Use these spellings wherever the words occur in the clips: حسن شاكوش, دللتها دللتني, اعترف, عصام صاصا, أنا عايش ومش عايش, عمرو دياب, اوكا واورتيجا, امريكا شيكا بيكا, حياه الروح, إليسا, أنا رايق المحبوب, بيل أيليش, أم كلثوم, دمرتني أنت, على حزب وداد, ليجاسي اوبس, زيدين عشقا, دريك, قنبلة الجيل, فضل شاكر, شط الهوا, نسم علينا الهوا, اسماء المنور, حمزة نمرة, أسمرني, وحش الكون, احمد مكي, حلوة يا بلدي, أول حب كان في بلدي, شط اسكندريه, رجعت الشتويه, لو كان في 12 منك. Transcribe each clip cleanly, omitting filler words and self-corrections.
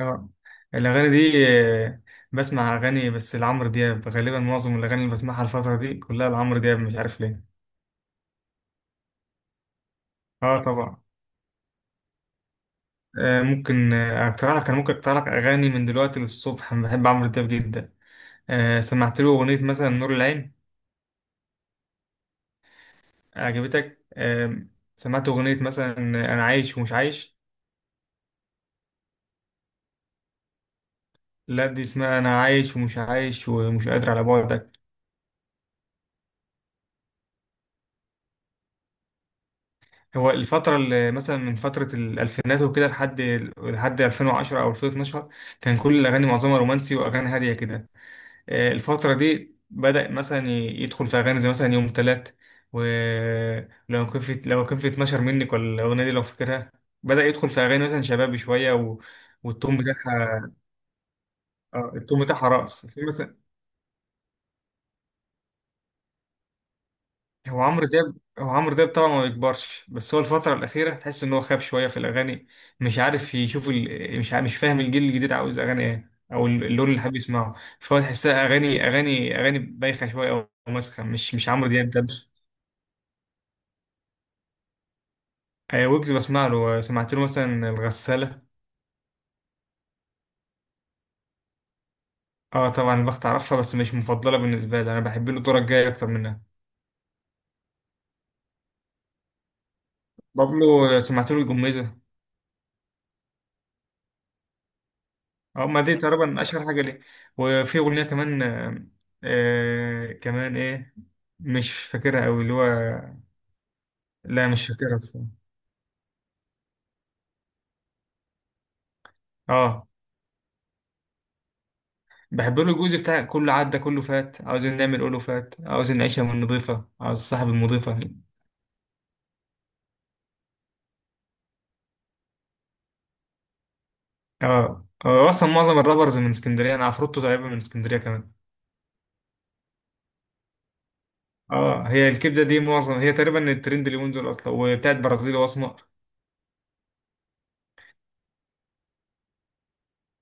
اه. الأغاني دي. آه، بسمع أغاني بس لعمرو دياب، غالبا معظم الأغاني اللي بسمعها الفترة دي كلها لعمرو دياب، مش عارف ليه. اه طبعا. آه ممكن آه، أقترح لك. أنا ممكن أقترح لك أغاني من دلوقتي للصبح، أنا بحب عمرو دياب جدا. آه، سمعت له أغنية مثلا نور العين. عجبتك؟ آه. سمعت أغنية مثلا أنا عايش ومش عايش. لا، دي اسمها أنا عايش ومش عايش ومش قادر على بعد. هو الفترة اللي مثلا من فترة الألفينات وكده لحد 2010 أو 2012، كان كل الأغاني معظمها رومانسي وأغاني هادية كده. آه، الفترة دي بدأ مثلا يدخل في أغاني زي مثلا يوم تلات، ولو كان في 12 منك، ولا الأغنية دي لو فاكرها؟ بدأ يدخل في أغاني مثلا شبابي شوية و... والتون بتاعها. آه، التون بتاعها رقص في. هو عمرو دياب طبعا ما بيكبرش، بس هو الفترة الأخيرة تحس إن هو خاب شوية في الأغاني، مش عارف يشوف مش عارف مش فاهم الجيل الجديد عاوز أغاني إيه أو اللون اللي حابب يسمعه. فهو تحسها أغاني بايخة شوية أو ماسخة، مش عمرو دياب، ده مش. آه، ويجز بسمع له. آه، سمعت له مثلا الغسالة. اه طبعا، البخت أعرفها، بس مش مفضلة بالنسبة لي، أنا بحب له الدورة الجاية أكتر منها. بابلو آه، سمعت له الجميزة. اه، ما دي تقريبا اشهر حاجه ليه. وفي اغنيه كمان آه، آه، كمان ايه؟ مش فاكرها قوي اللي هو. لا مش فاكرها الصراحه. اه، بحب له الجزء بتاع كله عدى كله فات عاوزين نعمل قوله فات عاوزين نعيشها من نضيفه عاوز صاحب المضيفه. اه. آه، هو اصلا معظم الرابرز من اسكندريه، انا عفروتو تقريبا من اسكندريه كمان. اه، هي الكبده دي معظم هي تقريبا الترند اليومين دول اصلا وبتاعت برازيلي واسمر.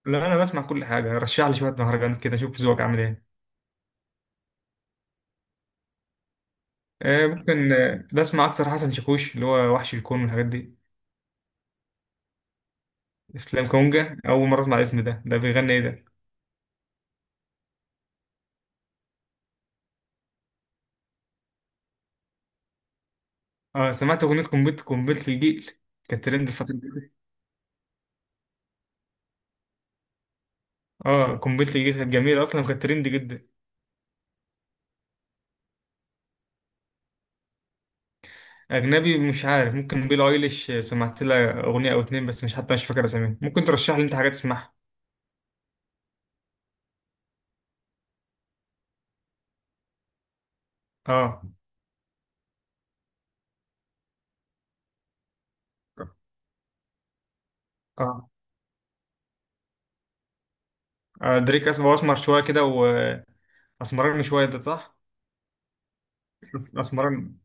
لا، انا بسمع كل حاجه. رشح لي شويه مهرجانات كده، شوف ذوقك عامل ايه. آه، ممكن آه، بسمع أكتر حسن شاكوش، اللي هو وحش الكون والحاجات دي. إسلام كونجا، أول مرة أسمع الاسم ده، ده بيغني إيه ده؟ آه، سمعت أغنية قنبلة، قنبلة الجيل، كانت ترند الفترة دي. آه، قنبلة الجيل كانت جميلة أصلا وكانت ترند جدا. أجنبي مش عارف، ممكن بيل أيليش. آه، سمعت لها أغنية أو اتنين بس، مش حتى مش فاكر أساميهم، ممكن ترشح لي أنت حاجات تسمعها. آه. آه. آه، دريك أسمر، أسمر شوية كده، وأسمرني شوية، ده صح؟ أسمرني.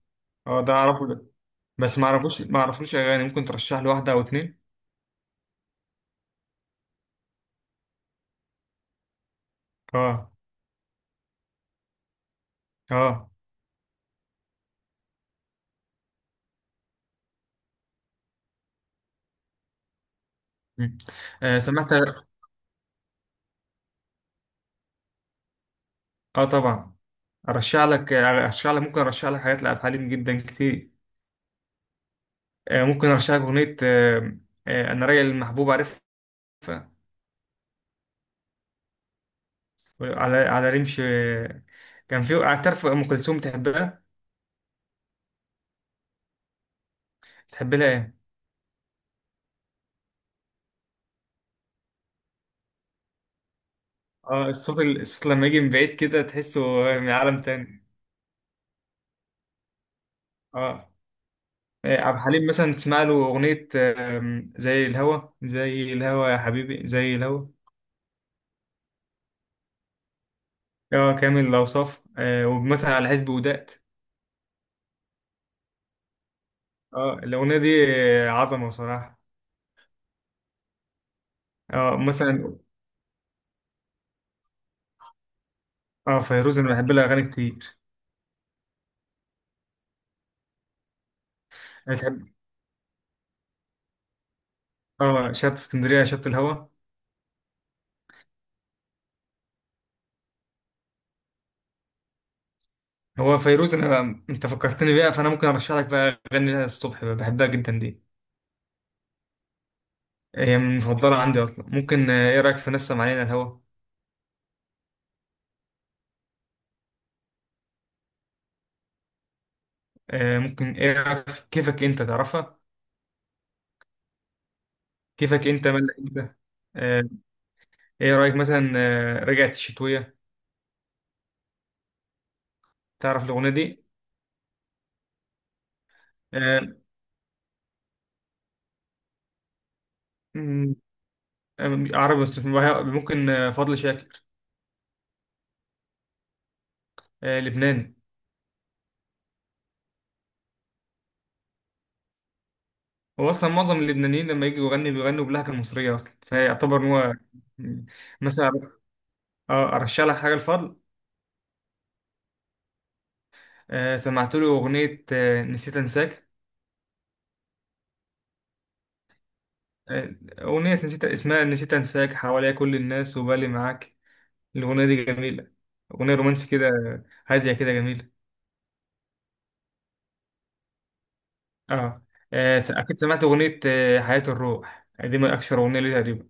آه، ده أعرفه ده، بس ما أعرفوش، ما أعرفلوش أغاني، ممكن ترشح لي واحدة أو اتنين. اه. اه. مم. آه، سمعت. اه طبعا. ارشح لك ممكن ارشح لك حاجات لعبد الحليم جدا كتير. آه، ممكن ارشح لك اغنيه آه، آه، انا رايق المحبوب، عارفها؟ على على رمش آه، كان في اعترف، ام كلثوم تحبها؟ تحب لها ايه؟ اه، الصوت الصوت لما يجي من بعيد كده تحسه من عالم تاني. اه. آه، عبد الحليم مثلا تسمع له اغنيه آه، زي الهوى، زي الهوى يا حبيبي زي الهوى. اه كامل الأوصاف، آه ومثلا على حزب وداد. اه، الاغنيه دي عظمه بصراحه. اه مثلا. اه، فيروز انا بحب لها اغاني كتير. انا بحب. اه، شط اسكندريه، شط الهوا. هو فيروز انا، انت فكرتني بيها، فانا ممكن ارشح لك بقى اغاني لها الصبح بقى، بحبها جدا دي. هي من المفضله عندي اصلا. ممكن آه، ايه رايك في نسم علينا الهوا؟ آه ممكن، ايه رايك في كيفك انت؟ تعرفها؟ كيفك انت مالك انت. آه. ايه رايك مثلا آه رجعت الشتويه، تعرف الاغنيه دي؟ آه. م- آه، عربي بس ممكن آه، فضل شاكر. آه لبناني. هو اصلا معظم اللبنانيين لما يجوا يغني بيغنوا باللهجه المصريه اصلا فيعتبر ان هو. مثلا. اه ارشح لك حاجه الفضل، آه سمعت له اغنيه آه نسيت انساك. آه. اغنيه نسيت اسمها نسيت انساك، حواليا كل الناس وبالي معاك. الاغنيه دي جميله، اغنيه رومانسي كده، هاديه كده جميله. اه، آه، اكيد سمعت اغنيه آه حياه الروح، دي من اشهر اغنيه ليه تقريبا.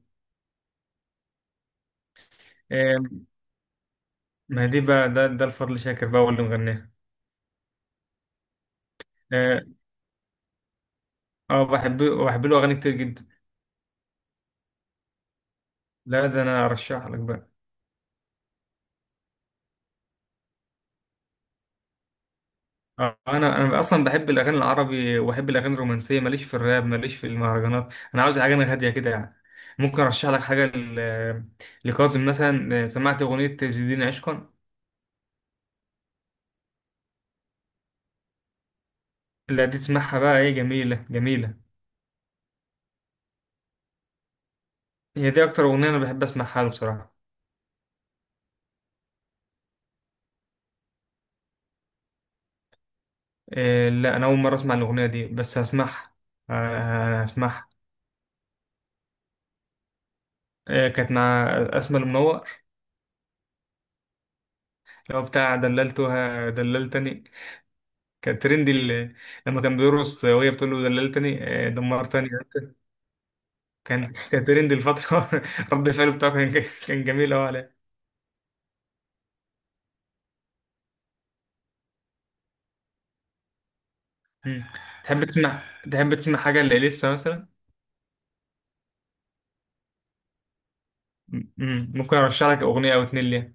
آه، ما دي بقى، ده ده الفضل شاكر بقى هو اللي مغناها. اه. آه، بحب له اغاني كتير جدا. لا، ده انا ارشح لك بقى. آه، انا اصلا بحب الاغاني العربي، وبحب الاغاني الرومانسيه، ماليش في الراب، ماليش في المهرجانات، انا عاوز حاجه أنا هاديه كده يعني. ممكن ارشح لك حاجه لكاظم مثلا. آه، سمعت اغنيه زيدين عشقا. لا، دي تسمعها بقى ايه جميله جميله. هي دي اكتر اغنيه انا بحب اسمعها له بصراحه. آه، لا انا اول مره اسمع الاغنيه دي بس هسمعها. آه، هسمعها. آه، كانت مع اسماء المنور، لو بتاع دللتها دللتني، كان ترند لما كان بيرقص وهي بتقول له دللتني، آه، دمرتني أنت. كان ترند الفترة. رد فعله بتاعه كان جميل أوي عليه. مم. تحب تسمع، تحب تسمع حاجة لإليسا مثلا؟ مم. ممكن أرشح لك أغنية أو اتنين ليها.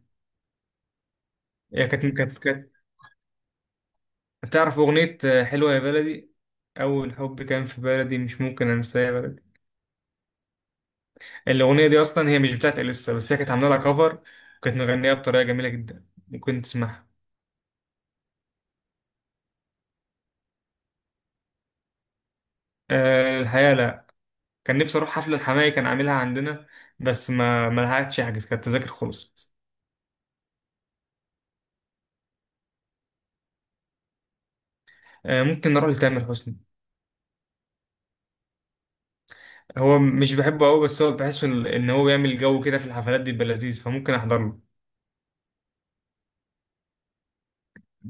هي كانت تعرف أغنية آه، حلوة يا بلدي، أول حب كان في بلدي مش ممكن أنساه يا بلدي. الأغنية دي أصلا هي مش بتاعت إليسا، بس هي كانت عاملة لها كفر، وكانت مغنية بطريقة جميلة جدا، ممكن تسمعها. آه، الحياة لا، كان نفسي اروح حفله الحماية كان عاملها عندنا، بس ما لحقتش احجز، كانت التذاكر خلصت. آه، ممكن نروح لتامر حسني. هو مش بحبه قوي، بس هو بحسه ان هو بيعمل جو كده في الحفلات دي بيبقى لذيذ، فممكن احضر له.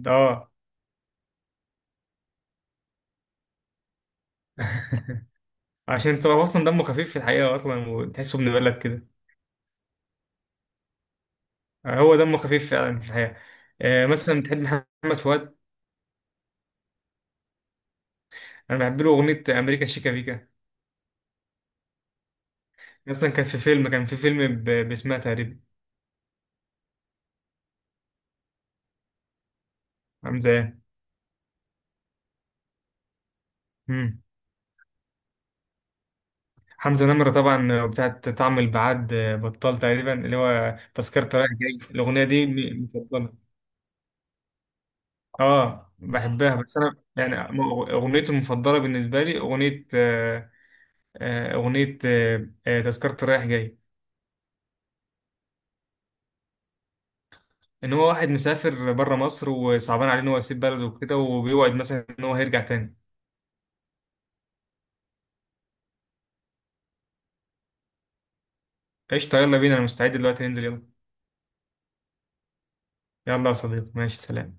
ده. اه. عشان انت هو اصلا دمه خفيف في الحقيقه اصلا، وتحسه ابن بلد كده. آه، هو دمه خفيف فعلا في الحقيقه. آه، مثلا بتحب محمد فؤاد؟ انا بحب له اغنيه امريكا شيكا بيكا، مثلا كانت في فيلم، كان في فيلم باسمها تقريبا، عامل زيها. حمزة نمرة طبعا بتاعت طعم البعاد بطال، تقريبا اللي هو تذكرة رايح جاي، الأغنية دي مفضلة. اه بحبها بس أنا يعني أغنيتي المفضلة بالنسبة لي، أغنية آه، آه، أغنية آه، آه، تذكرة رايح جاي. إن هو واحد مسافر بره مصر وصعبان عليه إن هو يسيب بلده وكده، وبيوعد مثلا إن هو هيرجع تاني. قشطة، يلا بينا، أنا مستعد دلوقتي ننزل، يلا. يلا يا صديقي، ماشي، سلام.